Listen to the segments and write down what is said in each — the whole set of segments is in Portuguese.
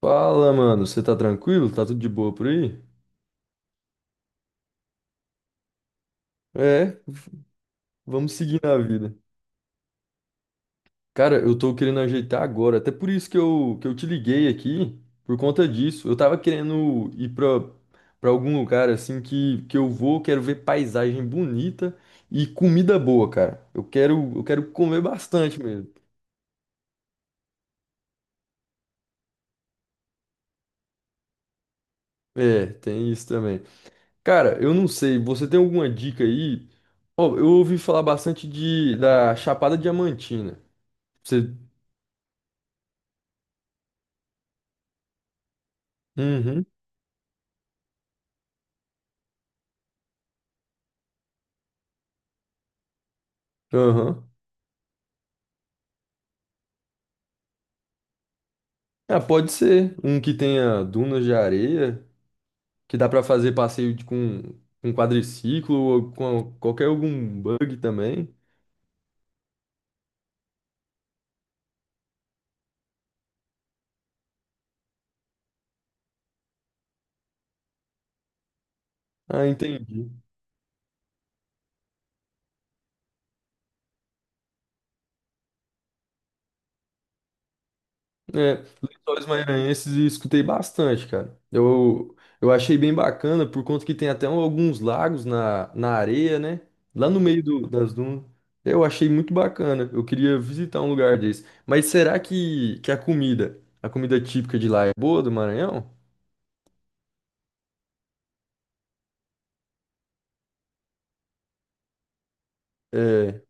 Fala, mano, você tá tranquilo? Tá tudo de boa por aí? É, vamos seguir na vida. Cara, eu tô querendo ajeitar agora, até por isso que eu te liguei aqui, por conta disso. Eu tava querendo ir pra algum lugar assim que eu vou, quero ver paisagem bonita e comida boa, cara. Eu quero comer bastante mesmo. É, tem isso também. Cara, eu não sei, você tem alguma dica aí? Ó, eu ouvi falar bastante da Chapada Diamantina. Você. Uhum. Aham. Ah, pode ser um que tenha dunas de areia, que dá pra fazer passeio de- com, um quadriciclo ou com qualquer algum bug também. Ah, entendi. É, Lençóis Maranhenses eu escutei bastante, cara. Eu achei bem bacana por conta que tem até um, alguns lagos na areia, né? Lá no meio do- das dunas. Eu achei muito bacana. Eu queria visitar um lugar desse. Mas será que a comida típica de lá é boa do Maranhão? É,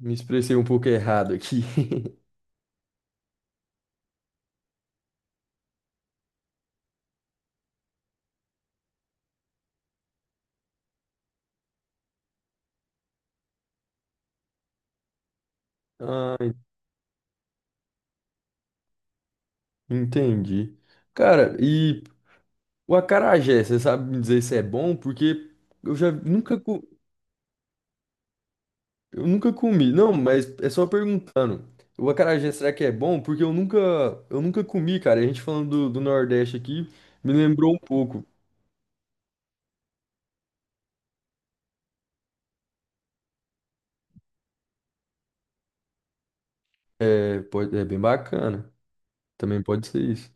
me expressei um pouco errado aqui. Ah, entendi. Cara, e o acarajé, você sabe me dizer se é bom? Porque eu já nunca, co- eu nunca comi. Não, mas é só perguntando. O acarajé, será que é bom? Porque eu nunca comi, cara. E a gente falando do Nordeste aqui, me lembrou um pouco. É, pode, é bem bacana. Também pode ser isso.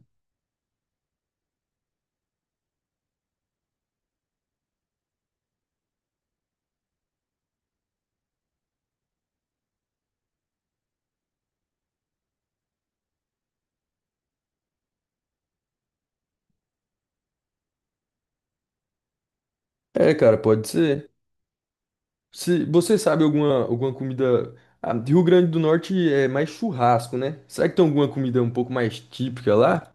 É, cara, pode ser. Se você sabe alguma, alguma comida. Ah, de Rio Grande do Norte é mais churrasco, né? Será que tem alguma comida um pouco mais típica lá?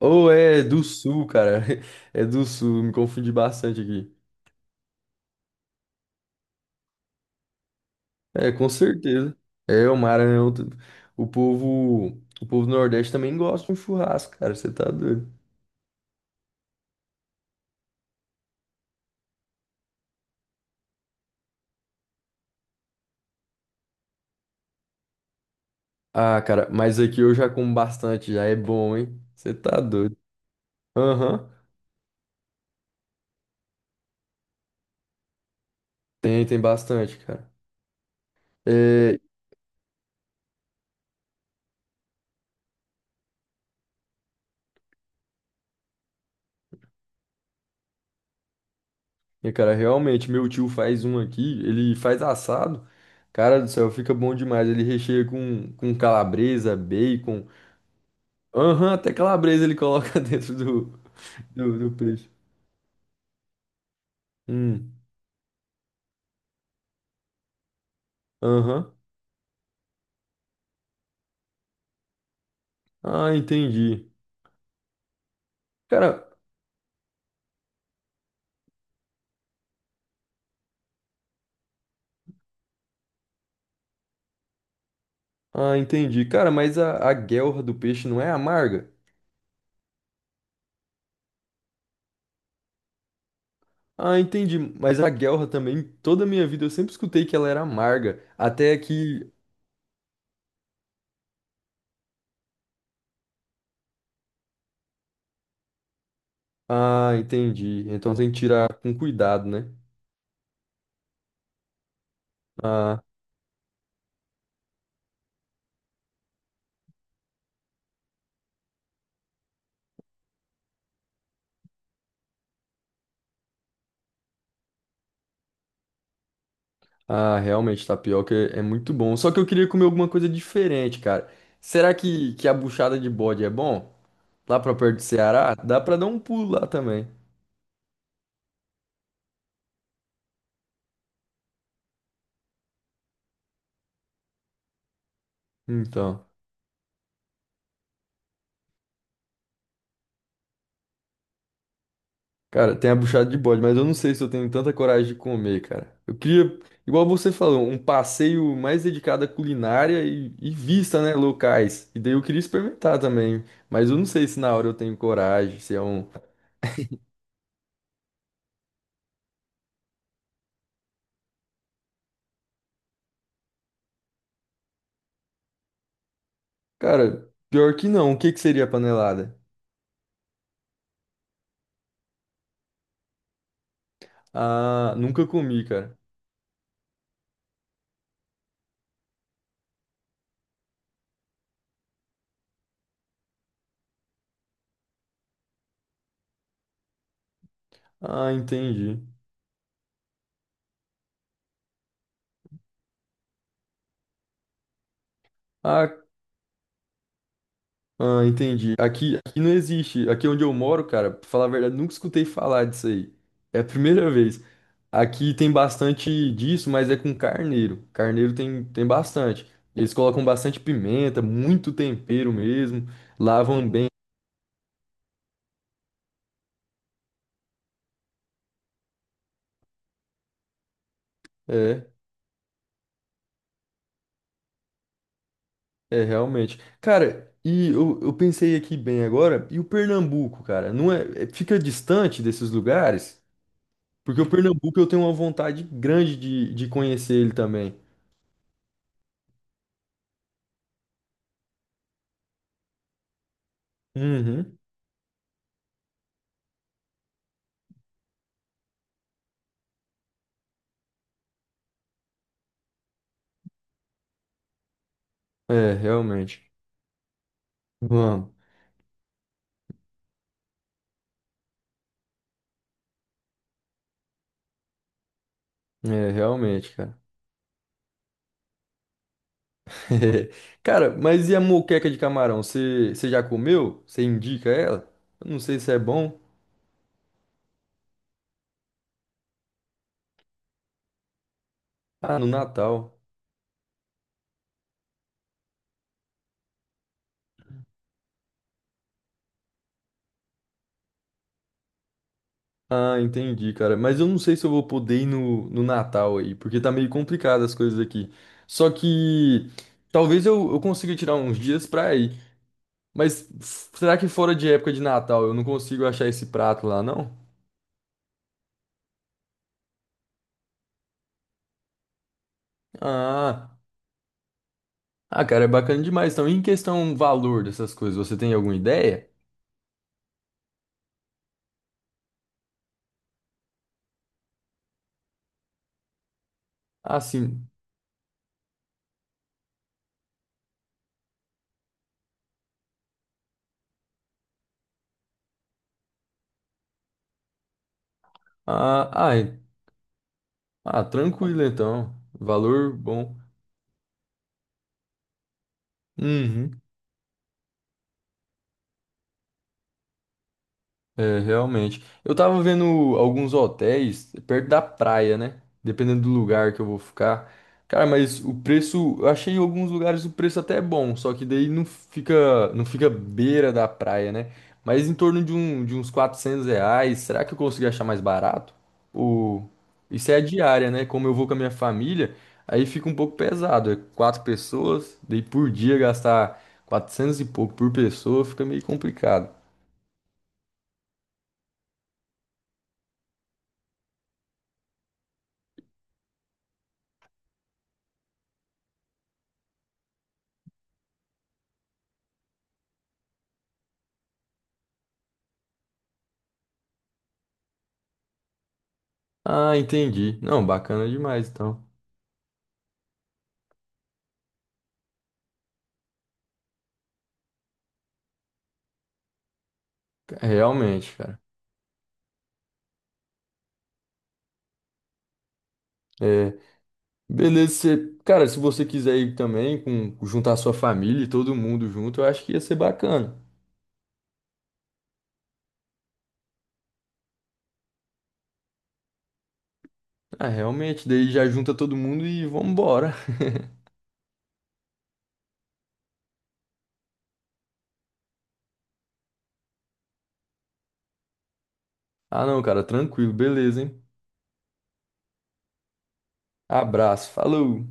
Ou é do sul, cara? É do sul, me confundi bastante aqui. É, com certeza. É, o Maranhão. T- O povo, o povo do Nordeste também gosta de um churrasco, cara. Você tá doido. Ah, cara, mas aqui eu já como bastante, já é bom, hein? Você tá doido. Aham. Tem, tem bastante, cara. É, e, cara, realmente, meu tio faz um aqui, ele faz assado. Cara do céu, fica bom demais. Ele recheia com calabresa, bacon. Aham, até calabresa ele coloca dentro do peixe. Hum, aham. Ah, entendi. Cara, ah, entendi. Cara, mas a guelra do peixe não é amarga? Ah, entendi. Mas a guelra também, toda a minha vida eu sempre escutei que ela era amarga. Até que. Ah, entendi. Então tem que tirar com cuidado, né? Ah. Ah, realmente, tapioca é é muito bom. Só que eu queria comer alguma coisa diferente, cara. Será que a buchada de bode é bom? Lá pra perto do Ceará? Dá pra dar um pulo lá também. Então, cara, tem a buchada de bode, mas eu não sei se eu tenho tanta coragem de comer, cara. Eu queria, igual você falou, um passeio mais dedicado à culinária e vista, né, locais. E daí eu queria experimentar também, mas eu não sei se na hora eu tenho coragem, se é um... Cara, pior que não. O que que seria a panelada? Ah, nunca comi, cara. Ah, entendi. Ah, ah, entendi. Aqui, aqui não existe. Aqui onde eu moro, cara, pra falar a verdade, nunca escutei falar disso aí. É a primeira vez. Aqui tem bastante disso, mas é com carneiro. Carneiro tem, tem bastante. Eles colocam bastante pimenta, muito tempero mesmo. Lavam bem. É, é realmente. Cara, e eu pensei aqui bem agora, e o Pernambuco, cara, não é, é- fica distante desses lugares? Porque o Pernambuco eu tenho uma vontade grande de conhecer ele também. Uhum. É, realmente. Vamos. É, realmente, cara. Cara, mas e a moqueca de camarão? Você já comeu? Você indica ela? Eu não sei se é bom. Ah, no Natal. Ah, entendi, cara. Mas eu não sei se eu vou poder ir no Natal aí, porque tá meio complicado as coisas aqui. Só que talvez eu consiga tirar uns dias pra ir. Mas f- será que fora de época de Natal eu não consigo achar esse prato lá, não? Ah. Ah, cara, é bacana demais. Então, em questão valor dessas coisas, você tem alguma ideia? Ah, sim. Ah, ah, é. Ah, tranquilo então. Valor bom. Uhum. É, realmente. Eu tava vendo alguns hotéis perto da praia, né? Dependendo do lugar que eu vou ficar. Cara, mas o preço, eu achei em alguns lugares o preço até bom, só que daí não fica, não fica beira da praia, né? Mas em torno de uns R$ 400, será que eu consigo achar mais barato? Ou... Isso é a diária, né? Como eu vou com a minha família, aí fica um pouco pesado. É quatro pessoas, daí por dia gastar 400 e pouco por pessoa fica meio complicado. Ah, entendi. Não, bacana demais, então. É, realmente, cara. É, beleza, você- cara, se você quiser ir também, com, juntar sua família e todo mundo junto, eu acho que ia ser bacana. Ah, realmente, daí já junta todo mundo e vambora. Ah, não, cara, tranquilo, beleza, hein? Abraço, falou!